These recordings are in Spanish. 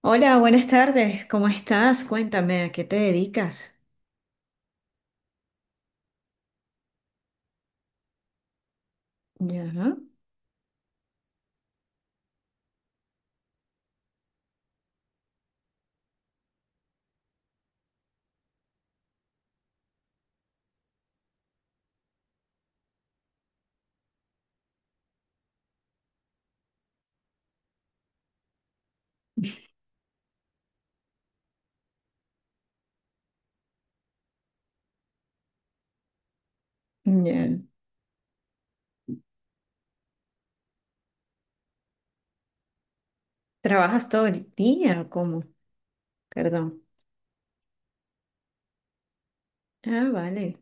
Hola, buenas tardes. ¿Cómo estás? Cuéntame, ¿a qué te dedicas? Ya, ya. ¿Trabajas todo el día o cómo? Perdón. Ah, vale.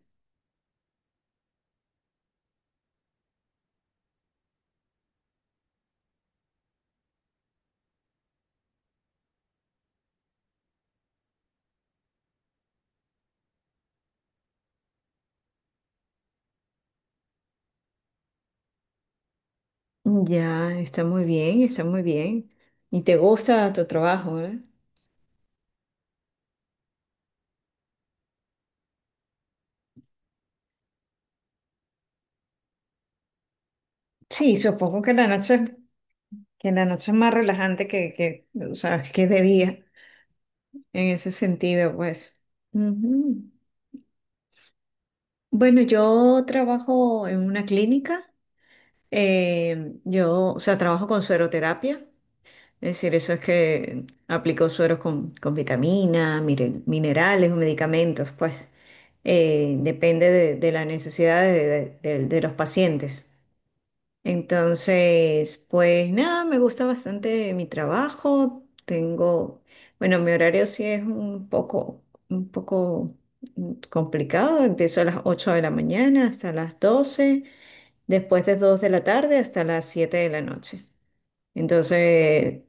Ya, está muy bien, está muy bien. ¿Y te gusta tu trabajo, verdad? Sí, supongo que la noche, es más relajante que, o sea, que de día, en ese sentido, pues. Ujú. Bueno, yo trabajo en una clínica. O sea, trabajo con sueroterapia. Es decir, eso es que aplicó sueros con vitaminas, minerales o medicamentos, pues depende de las necesidades de los pacientes. Entonces, pues nada, me gusta bastante mi trabajo. Bueno, mi horario sí es un poco, un poco, complicado. Empiezo a las 8 de la mañana hasta las 12 después de 2 de la tarde hasta las 7 de la noche. Entonces,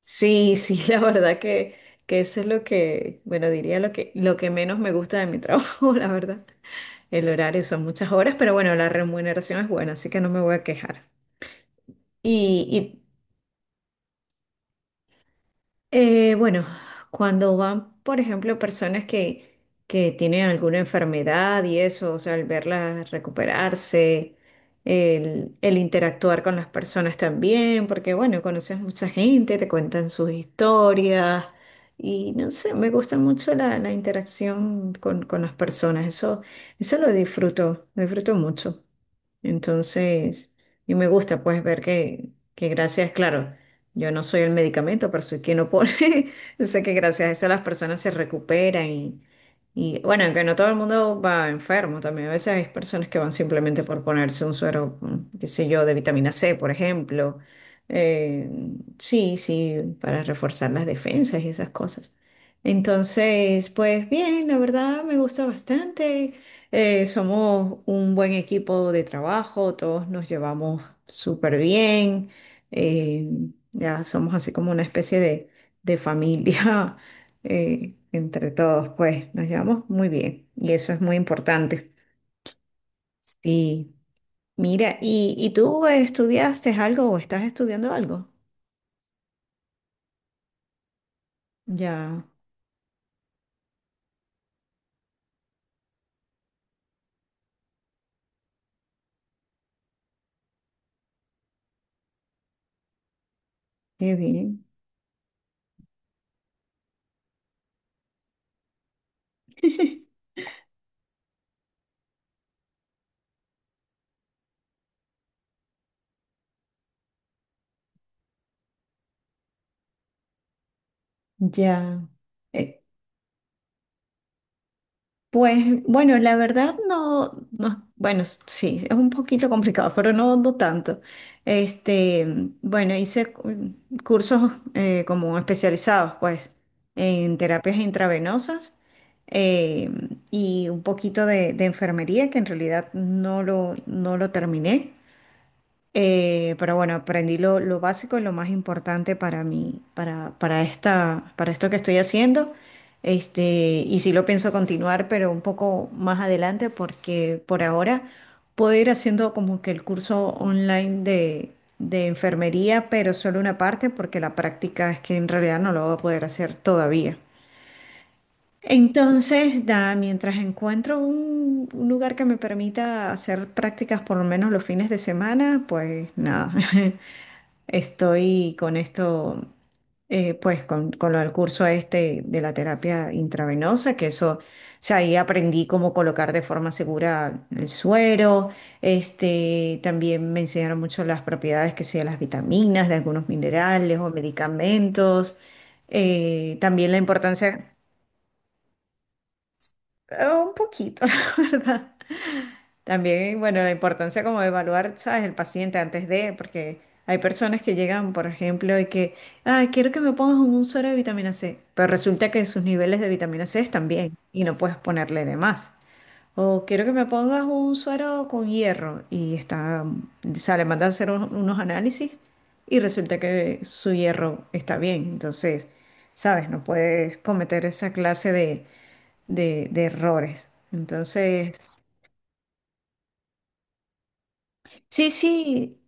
sí, sí, la verdad que eso es lo que, bueno, diría lo que menos me gusta de mi trabajo, la verdad. El horario son muchas horas, pero bueno, la remuneración es buena, así que no me voy a quejar. Y, bueno, cuando van, por ejemplo, personas que tienen alguna enfermedad y eso, o sea, al verlas recuperarse, el interactuar con las personas también, porque bueno, conoces mucha gente, te cuentan sus historias y no sé, me gusta mucho la, la interacción con las personas, eso lo disfruto mucho. Entonces, y me gusta pues ver que gracias, claro, yo no soy el medicamento, pero soy quien lo pone. Yo sé que gracias a eso las personas se recuperan y bueno, aunque no todo el mundo va enfermo, también a veces hay personas que van simplemente por ponerse un suero, qué sé yo, de vitamina C, por ejemplo. Eh, sí, sí, para reforzar las defensas y esas cosas. Entonces, pues bien, la verdad me gusta bastante. Somos un buen equipo de trabajo, todos nos llevamos súper bien, eh, ya somos así como una especie de familia entre todos, pues nos llevamos muy bien y eso es muy importante. Sí, mira, ¿y tú estudiaste algo o estás estudiando algo? Ya, qué bien. Ya. Eh, pues bueno, la verdad no, no, bueno, sí, es un poquito complicado, pero no, no tanto. Este, bueno, hice cursos como especializados, pues, en terapias intravenosas eh, y un poquito de enfermería, que en realidad no lo terminé. Pero bueno, aprendí lo básico, y lo más importante para mí, para esta, para esto que estoy haciendo. Este, y sí lo pienso continuar, pero un poco más adelante, porque por ahora puedo ir haciendo como que el curso online de enfermería, pero solo una parte, porque la práctica es que en realidad no lo voy a poder hacer todavía. Entonces, mientras encuentro un lugar que me permita hacer prácticas por lo menos los fines de semana, pues nada, estoy con esto, pues con lo del curso este de la terapia intravenosa, que eso, o sea, ahí aprendí cómo colocar de forma segura el suero, este, también me enseñaron mucho las propiedades que sea de las vitaminas, de algunos minerales o medicamentos, también la importancia, un poquito, la verdad. También, bueno, la importancia como de evaluar, ¿sabes? El paciente antes de, porque hay personas que llegan, por ejemplo, y que, ah, quiero que me pongas un suero de vitamina C, pero resulta que sus niveles de vitamina C están bien y no puedes ponerle de más. O quiero que me pongas un suero con hierro y está, o sea, le mandan a hacer unos análisis y resulta que su hierro está bien. Entonces, ¿sabes? No puedes cometer esa clase de, de errores. Entonces... Sí, sí,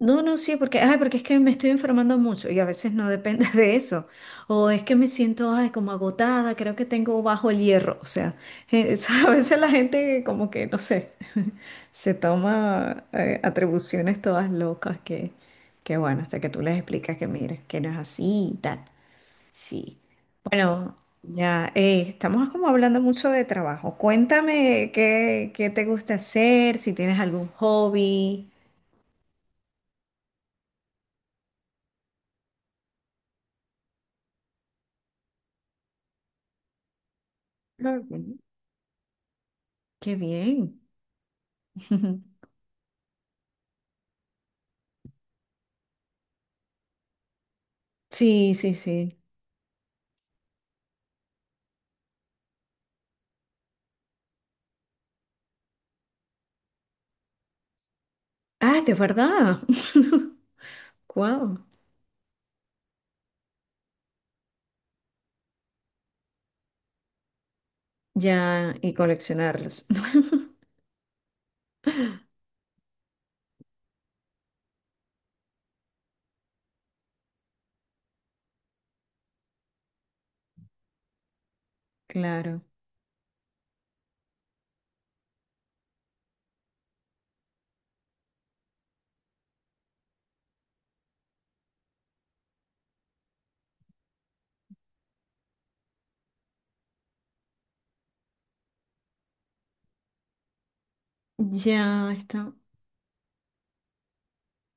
no, no, sí, ay, porque es que me estoy enfermando mucho y a veces no depende de eso. O es que me siento, ay, como agotada, creo que tengo bajo el hierro. O sea, eh, a veces la gente como que, no sé, se toma atribuciones todas locas que bueno, hasta que tú les explicas que mires, que no es así y tal. Sí. Bueno, ya, estamos como hablando mucho de trabajo. Cuéntame qué, qué te gusta hacer, si tienes algún hobby. Claro. Qué bien. Sí, sí, sí. Ah, de verdad. Wow. Ya, y coleccionarlos. Claro. Ya está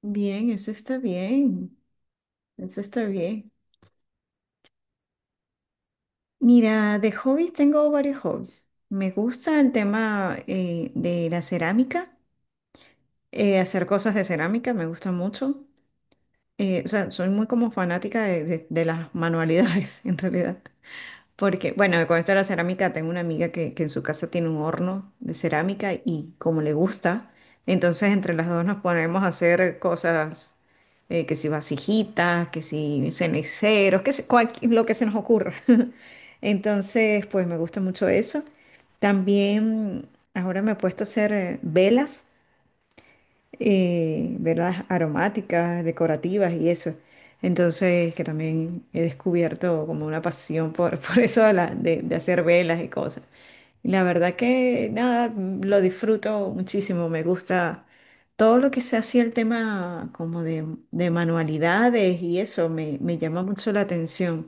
bien, eso está bien. Eso está bien. Mira, de hobbies tengo varios hobbies. Me gusta el tema de la cerámica, hacer cosas de cerámica, me gusta mucho. O sea, soy muy como fanática de las manualidades, en realidad. Porque, bueno, con esto de la cerámica, tengo una amiga que en su casa tiene un horno de cerámica y como le gusta, entonces entre las dos nos ponemos a hacer cosas, que si vasijitas, que si ceniceros, que si, lo que se nos ocurra. Entonces, pues me gusta mucho eso. También ahora me he puesto a hacer velas ¿verdad? Aromáticas, decorativas y eso. Entonces, que también he descubierto como una pasión por, por eso de, de hacer velas y cosas. Y la verdad que nada, lo disfruto muchísimo, me gusta todo lo que se hacía el tema como de manualidades y eso me llama mucho la atención.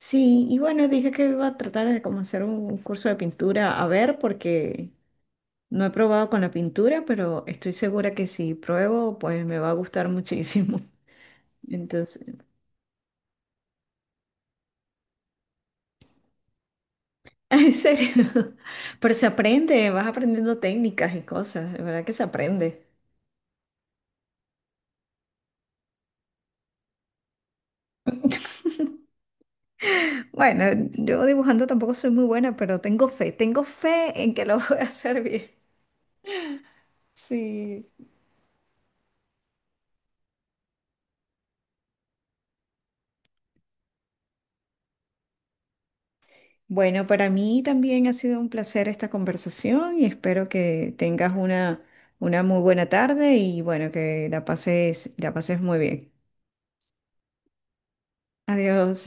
Sí, y bueno, dije que iba a tratar de como hacer un curso de pintura a ver porque... No he probado con la pintura, pero estoy segura que si pruebo, pues me va a gustar muchísimo. Entonces, en serio. Pero se aprende, vas aprendiendo técnicas y cosas, de verdad que se aprende. Bueno, yo dibujando tampoco soy muy buena, pero tengo fe en que lo voy a hacer bien. Sí. Bueno, para mí también ha sido un placer esta conversación y espero que tengas una muy buena tarde y bueno, que la pases muy bien. Adiós.